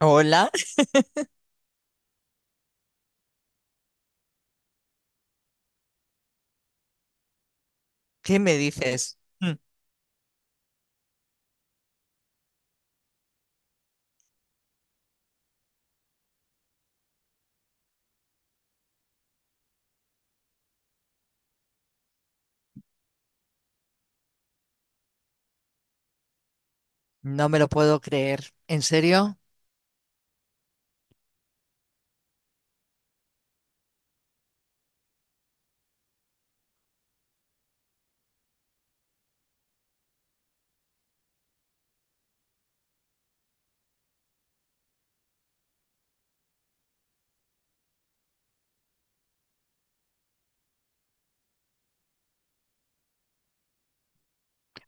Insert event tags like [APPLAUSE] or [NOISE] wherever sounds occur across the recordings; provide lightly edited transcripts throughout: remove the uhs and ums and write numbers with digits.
Hola, ¿qué me dices? No me lo puedo creer. ¿En serio?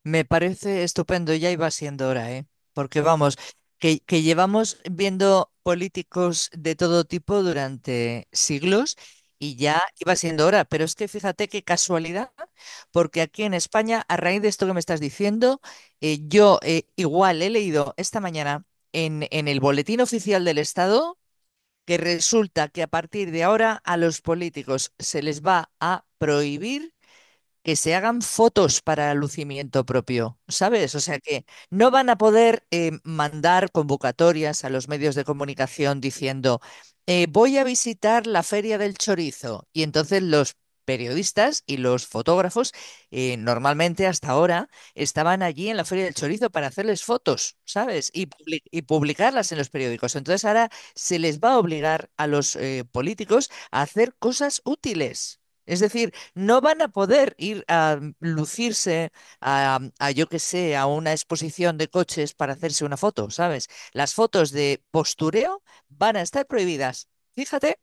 Me parece estupendo, ya iba siendo hora, ¿eh? Porque vamos, que llevamos viendo políticos de todo tipo durante siglos y ya iba siendo hora. Pero es que fíjate qué casualidad, porque aquí en España, a raíz de esto que me estás diciendo, yo igual he leído esta mañana en el Boletín Oficial del Estado que resulta que a partir de ahora a los políticos se les va a prohibir que se hagan fotos para el lucimiento propio, ¿sabes? O sea que no van a poder mandar convocatorias a los medios de comunicación diciendo, voy a visitar la Feria del Chorizo. Y entonces los periodistas y los fotógrafos normalmente hasta ahora estaban allí en la Feria del Chorizo para hacerles fotos, ¿sabes? Y, y publicarlas en los periódicos. Entonces ahora se les va a obligar a los políticos a hacer cosas útiles. Es decir, no van a poder ir a lucirse yo qué sé, a una exposición de coches para hacerse una foto, ¿sabes? Las fotos de postureo van a estar prohibidas. Fíjate.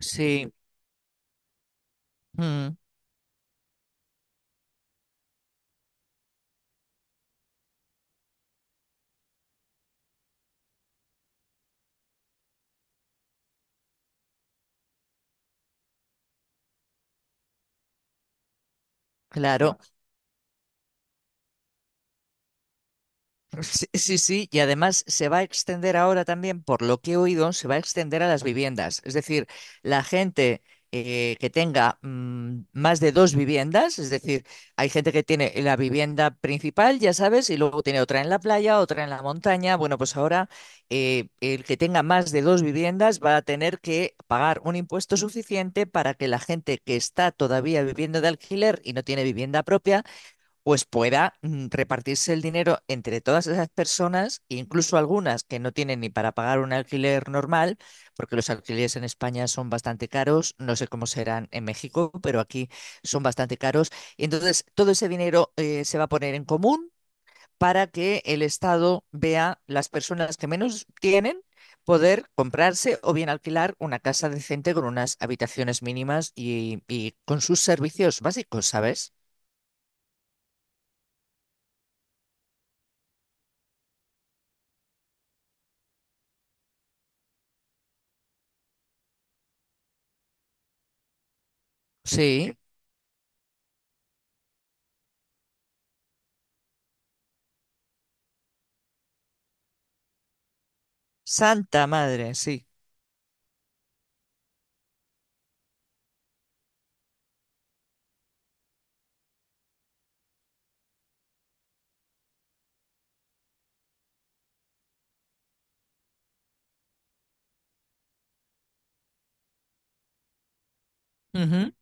Sí, mm, claro. Sí, sí, sí, y además se va a extender ahora también, por lo que he oído, se va a extender a las viviendas. Es decir, la gente que tenga más de dos viviendas, es decir, hay gente que tiene la vivienda principal, ya sabes, y luego tiene otra en la playa, otra en la montaña. Bueno, pues ahora el que tenga más de dos viviendas va a tener que pagar un impuesto suficiente para que la gente que está todavía viviendo de alquiler y no tiene vivienda propia pues pueda repartirse el dinero entre todas esas personas, incluso algunas que no tienen ni para pagar un alquiler normal, porque los alquileres en España son bastante caros, no sé cómo serán en México, pero aquí son bastante caros. Y entonces todo ese dinero se va a poner en común para que el Estado vea las personas que menos tienen poder comprarse o bien alquilar una casa decente con unas habitaciones mínimas y con sus servicios básicos, ¿sabes? Sí. Santa Madre, sí. Ujú.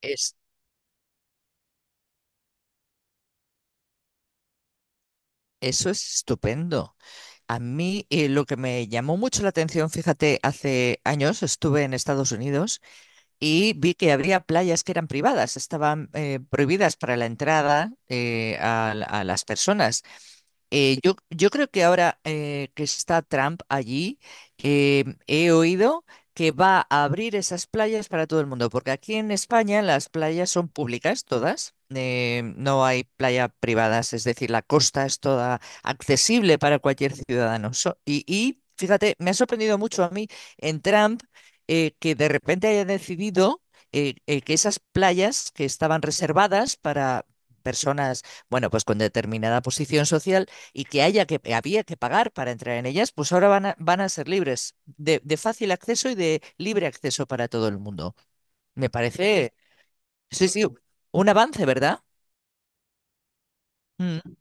Es, eso es estupendo. A mí lo que me llamó mucho la atención, fíjate, hace años estuve en Estados Unidos y vi que habría playas que eran privadas, estaban prohibidas para la entrada a las personas. Yo creo que ahora que está Trump allí, he oído que va a abrir esas playas para todo el mundo, porque aquí en España las playas son públicas todas, no hay playa privadas, es decir, la costa es toda accesible para cualquier ciudadano. Y, y fíjate, me ha sorprendido mucho a mí en Trump que de repente haya decidido que esas playas que estaban reservadas para personas, bueno, pues con determinada posición social y que haya que había que pagar para entrar en ellas, pues ahora van a ser libres de fácil acceso y de libre acceso para todo el mundo. Me parece, sí, sí, un avance, ¿verdad? Mm.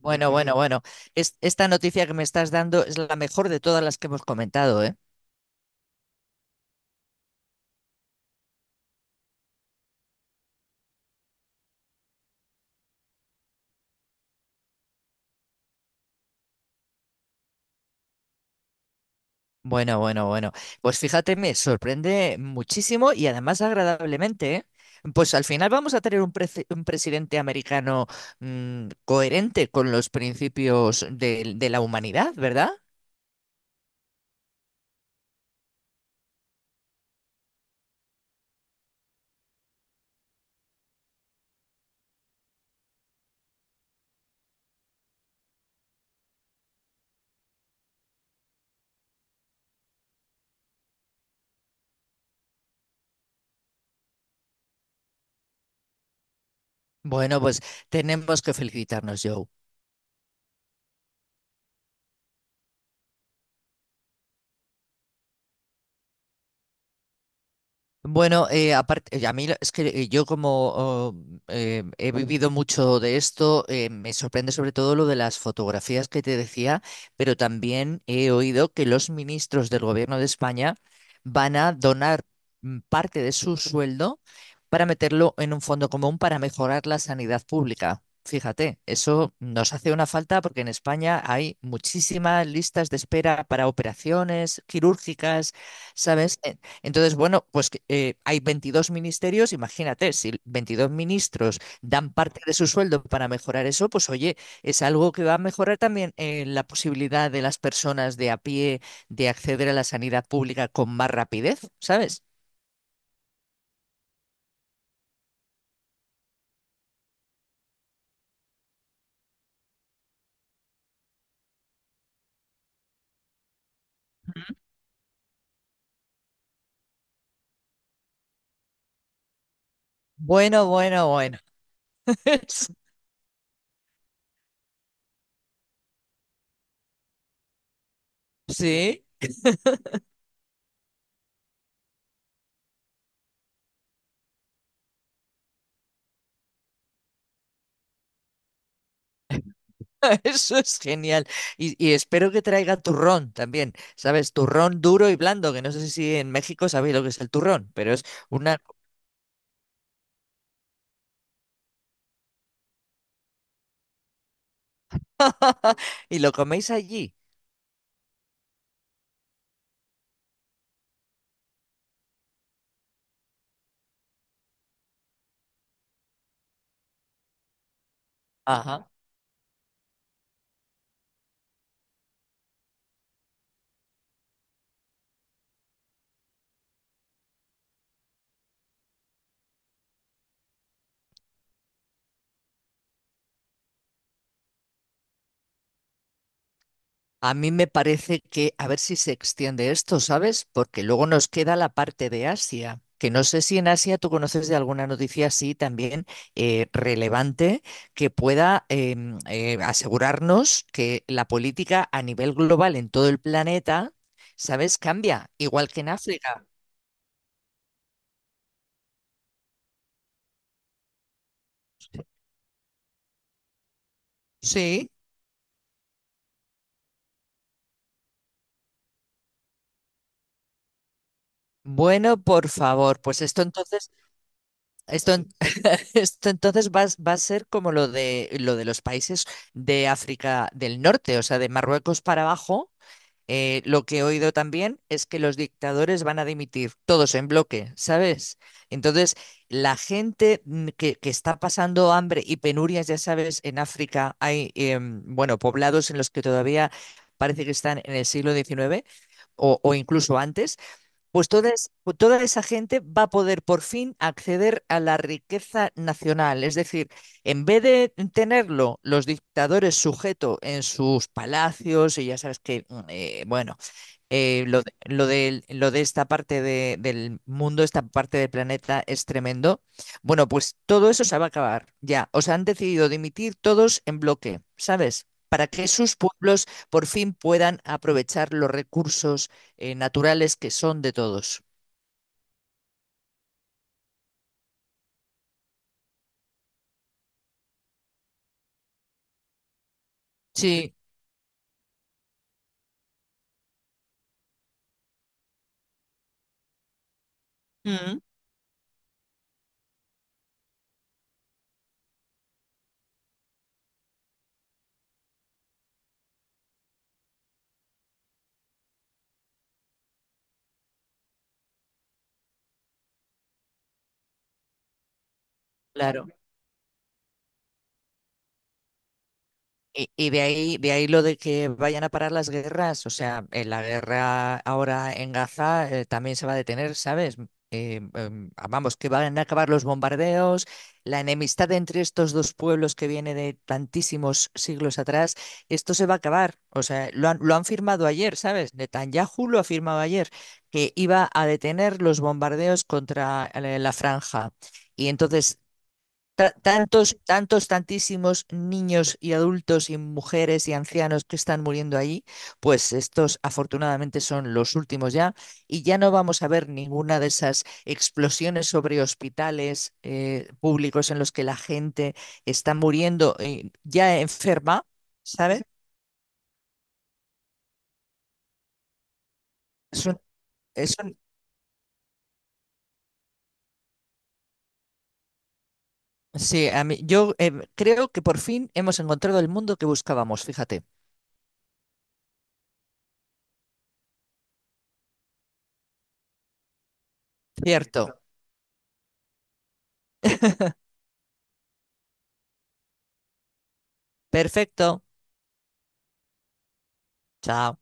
Bueno, bueno, bueno. Esta noticia que me estás dando es la mejor de todas las que hemos comentado, ¿eh? Bueno, bueno, bueno. Pues fíjate, me sorprende muchísimo y además agradablemente, ¿eh? Pues al final vamos a tener un presidente americano coherente con los principios de la humanidad, ¿verdad? Bueno, pues tenemos que felicitarnos, Joe. Bueno, aparte, a mí es que yo como he vivido mucho de esto, me sorprende sobre todo lo de las fotografías que te decía, pero también he oído que los ministros del gobierno de España van a donar parte de su sueldo para meterlo en un fondo común para mejorar la sanidad pública. Fíjate, eso nos hace una falta porque en España hay muchísimas listas de espera para operaciones quirúrgicas. ¿Sabes? Entonces, bueno, pues hay 22 ministerios, imagínate, si 22 ministros dan parte de su sueldo para mejorar eso, pues oye, es algo que va a mejorar también la posibilidad de las personas de a pie de acceder a la sanidad pública con más rapidez, ¿sabes? Bueno, bueno, bueno. [LAUGHS] Sí, [LAUGHS] eso es genial. Y espero que traiga turrón también, ¿sabes? Turrón duro y blando, que no sé si en México sabéis lo que es el turrón, pero es una... [LAUGHS] y lo coméis allí. Ajá. A mí me parece que a ver si se extiende esto, ¿sabes? Porque luego nos queda la parte de Asia, que no sé si en Asia tú conoces de alguna noticia así también relevante que pueda asegurarnos que la política a nivel global en todo el planeta, ¿sabes? Cambia, igual que en África. Sí. Bueno, por favor, pues esto entonces... Esto, [LAUGHS] esto entonces va a ser como lo de los países de África del Norte, o sea, de Marruecos para abajo. Lo que he oído también es que los dictadores van a dimitir, todos en bloque, ¿sabes? Entonces, la gente que está pasando hambre y penurias, ya sabes, en África hay, bueno, poblados en los que todavía parece que están en el siglo XIX o incluso antes pues toda, pues toda esa gente va a poder por fin acceder a la riqueza nacional. Es decir, en vez de tenerlo los dictadores sujeto en sus palacios, y ya sabes que, bueno, lo de esta parte del mundo, esta parte del planeta es tremendo. Bueno, pues todo eso se va a acabar ya. Os han decidido dimitir todos en bloque, ¿sabes? Para que sus pueblos por fin puedan aprovechar los recursos naturales que son de todos. Sí, Mm. claro. Y de ahí lo de que vayan a parar las guerras, o sea, la guerra ahora en Gaza también se va a detener, ¿sabes? Vamos, que van a acabar los bombardeos, la enemistad entre estos dos pueblos que viene de tantísimos siglos atrás, esto se va a acabar. O sea, lo han firmado ayer, ¿sabes? Netanyahu lo ha firmado ayer, que iba a detener los bombardeos contra la franja. Y entonces tantos, tantos, tantísimos niños y adultos y mujeres y ancianos que están muriendo allí, pues estos afortunadamente son los últimos ya y ya no vamos a ver ninguna de esas explosiones sobre hospitales públicos en los que la gente está muriendo ya enferma, ¿sabes? Es un- es un- sí, a mí, yo creo que por fin hemos encontrado el mundo que buscábamos, fíjate. Cierto. Perfecto. Chao.